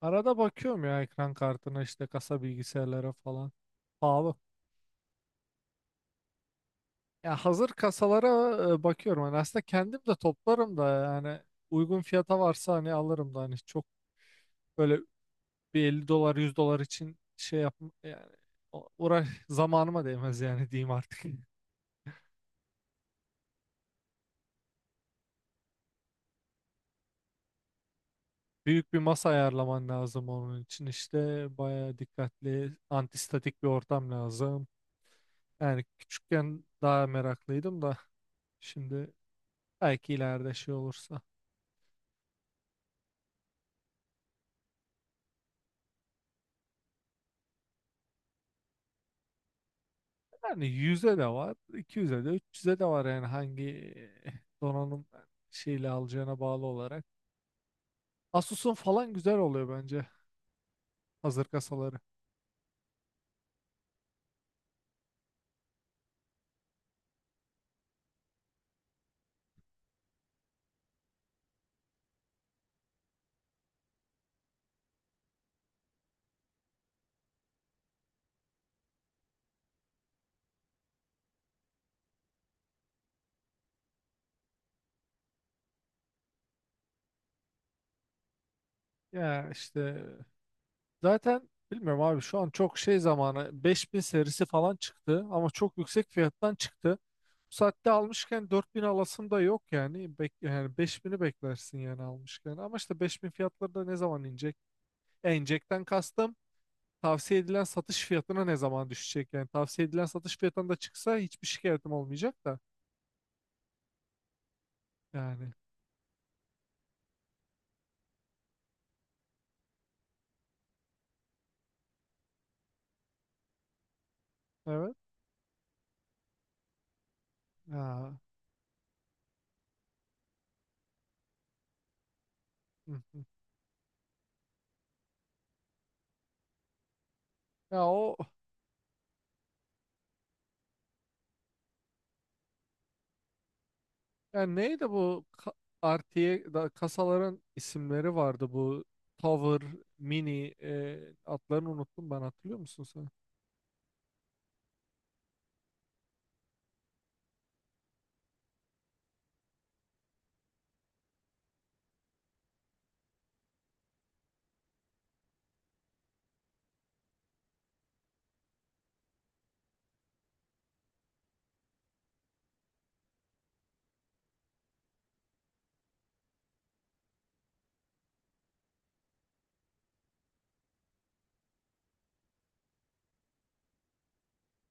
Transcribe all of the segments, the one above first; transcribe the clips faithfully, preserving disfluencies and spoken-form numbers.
Arada bakıyorum ya ekran kartına işte kasa bilgisayarlara falan. Pahalı. Ya hazır kasalara e, bakıyorum. Hani aslında kendim de toplarım da yani uygun fiyata varsa hani alırım da hani çok böyle bir elli dolar yüz dolar için şey yap yani o- uğraş zamanıma değmez yani diyeyim artık. Büyük bir masa ayarlaman lazım onun için işte bayağı dikkatli antistatik bir ortam lazım. Yani küçükken daha meraklıydım da şimdi belki ileride şey olursa. Yani yüze de var, iki yüze de, üç yüze de var yani hangi eh, donanım şeyle alacağına bağlı olarak. Asus'un falan güzel oluyor bence hazır kasaları. Ya işte zaten bilmiyorum abi şu an çok şey zamanı beş bin serisi falan çıktı ama çok yüksek fiyattan çıktı. Bu saatte almışken dört bin alasım da yok yani. Bek yani beş bini beklersin yani almışken. Ama işte beş bin fiyatları da ne zaman inecek? E, inecekten kastım. Tavsiye edilen satış fiyatına ne zaman düşecek? Yani tavsiye edilen satış fiyatına da çıksa hiçbir şikayetim olmayacak da. Yani, evet. Ya, hı hı. Ya o yani neydi bu Ka- artıya da kasaların isimleri vardı bu Tower, Mini, e, adlarını unuttum ben, hatırlıyor musun sen?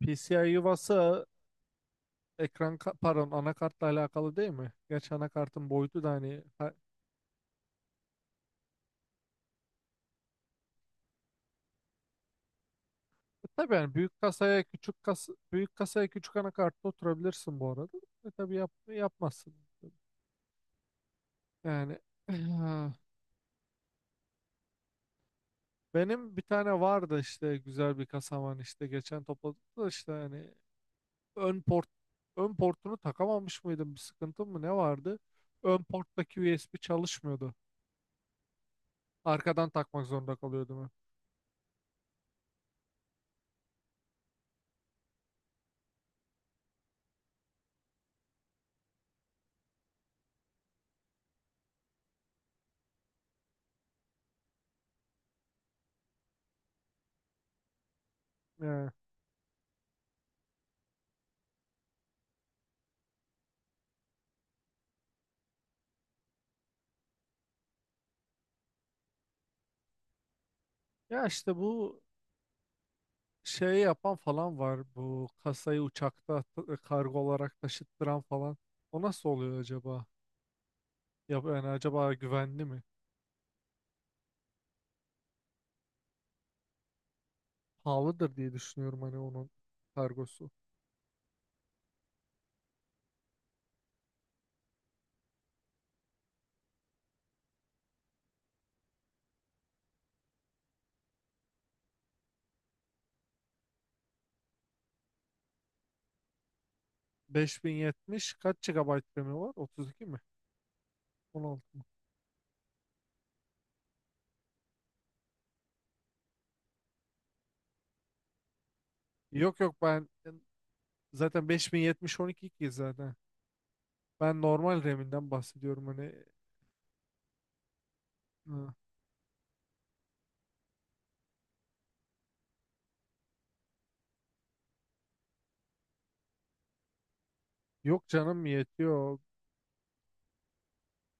P C I yuvası ekran ka- pardon, anakartla alakalı değil mi? Gerçi anakartın boyutu da hani ha- Tabii yani büyük kasaya küçük kas büyük kasaya küçük anakartta oturabilirsin bu arada. E tabii yap yapmazsın. Yani eh, benim bir tane vardı işte güzel bir kasam, hani işte geçen topladık da işte hani ön port ön portunu takamamış mıydım, bir sıkıntım mı ne vardı? Ön porttaki U S B çalışmıyordu. Arkadan takmak zorunda kalıyordum hep. Yani, ya işte bu şey yapan falan var, bu kasayı uçakta t- kargo olarak taşıttıran falan. O nasıl oluyor acaba? Ya yani acaba güvenli mi? Pahalıdır diye düşünüyorum hani onun kargosu. beş bin yetmiş kaç gigabayt ramı var? otuz iki mi? on altı mı? Yok yok, ben zaten beş bin yetmiş on iki ki zaten. Ben normal raminden bahsediyorum hani. Ha. Yok canım, yetiyor.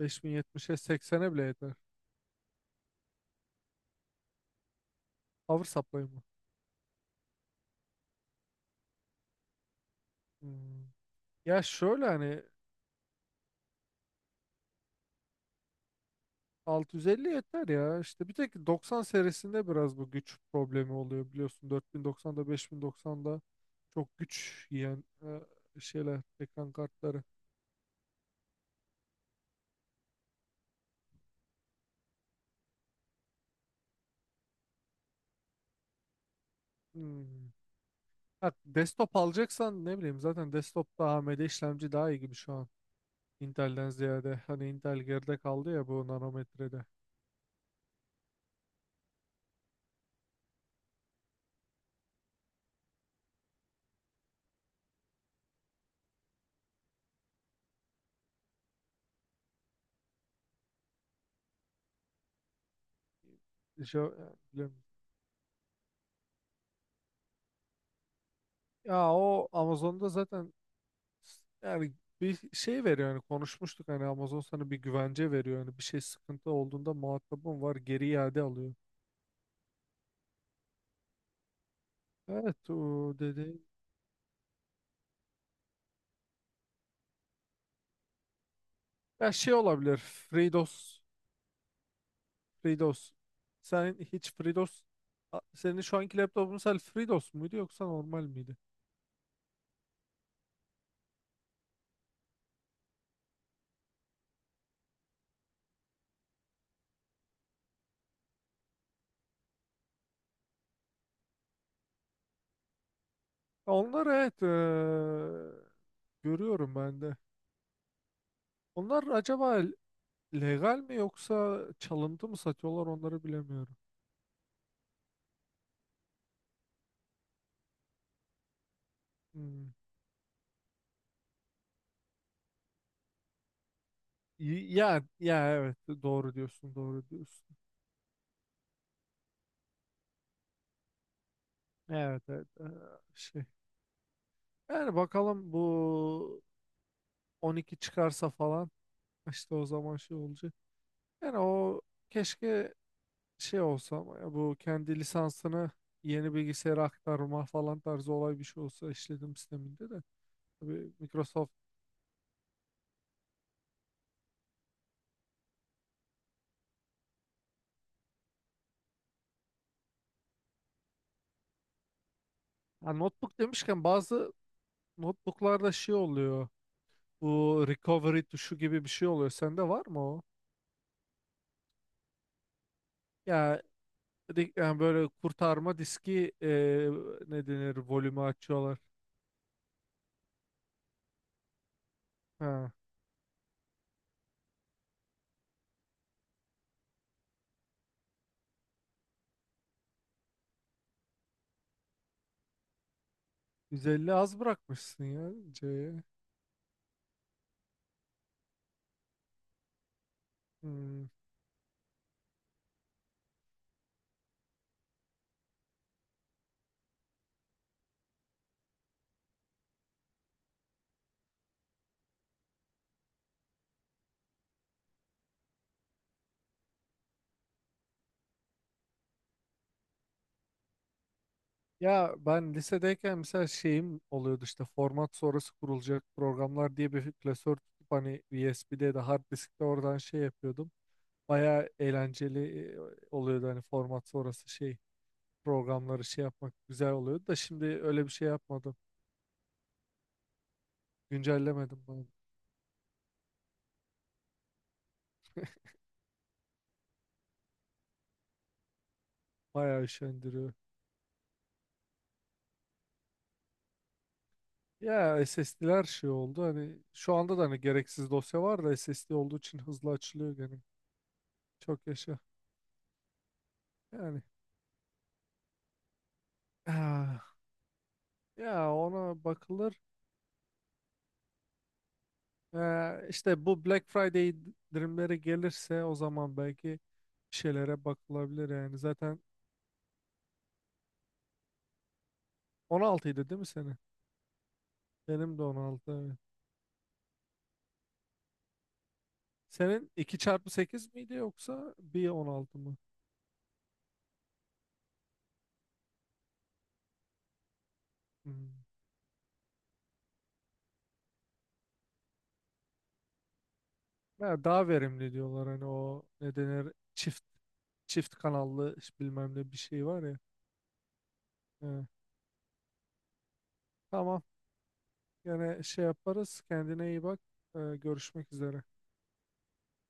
elli yetmişe seksene bile yeter. Power supply mı? Hmm. Ya şöyle hani altı yüz elli yeter ya. İşte bir tek doksan serisinde biraz bu güç problemi oluyor biliyorsun. dört bin doksanda beş bin doksanda çok güç yiyen e, şeyler ekran kartları. Hmm. Ha, desktop alacaksan ne bileyim zaten desktopta A M D işlemci daha iyi gibi şu an. Intel'den ziyade. Hani Intel geride kaldı ya bu nanometrede. Şey, e, bilmiyorum. Ya o Amazon'da zaten yani bir şey veriyor hani, konuşmuştuk hani, Amazon sana bir güvence veriyor hani bir şey sıkıntı olduğunda muhatabın var, geri iade alıyor. Evet, o dedi. Ya şey olabilir FreeDOS. FreeDOS sen hiç FreeDOS A- senin şu anki laptopun sen FreeDOS muydu yoksa normal miydi? Onlar evet, eee, görüyorum ben de. Onlar acaba legal mi yoksa çalıntı mı satıyorlar, onları bilemiyorum. Hmm. Ya ya, evet, doğru diyorsun, doğru diyorsun. Evet, evet, eee, şey. Yani bakalım bu on iki çıkarsa falan işte o zaman şey olacak. Yani o keşke şey olsa, ama ya bu kendi lisansını yeni bilgisayara aktarma falan tarzı olay bir şey olsa işletim sisteminde de. Tabii Microsoft. Ya notebook demişken bazı notebooklarda şey oluyor. Bu recovery tuşu gibi bir şey oluyor. Sende var mı o? Ya Di- yani böyle kurtarma diski, eee ne denir, volümü açıyorlar. Ha, yüz elli az bırakmışsın ya C'ye. Hmm. Ya ben lisedeyken mesela şeyim oluyordu, işte format sonrası kurulacak programlar diye bir klasör tutup hani U S B'de de hard diskte, oradan şey yapıyordum. Baya eğlenceli e, oluyordu hani, format sonrası şey programları şey yapmak güzel oluyordu da şimdi öyle bir şey yapmadım. Güncellemedim ben. Bayağı üşendiriyor. Ya S S D'ler şey oldu hani, şu anda da hani gereksiz dosya var da S S D olduğu için hızlı açılıyor gene. Çok yaşa. Yani ah, ya ona bakılır. Ee, işte bu Black Friday indirimleri gelirse o zaman belki bir şeylere bakılabilir yani. Zaten on altıydı değil mi senin? Benim de on altı Evet. Senin iki çarpı sekiz miydi yoksa bir on altı mı? Hmm. Ya daha verimli diyorlar hani, o ne denir, çift çift kanallı bilmem ne bir şey var ya. Ee, tamam. Yine şey yaparız. Kendine iyi bak. Ee, görüşmek üzere.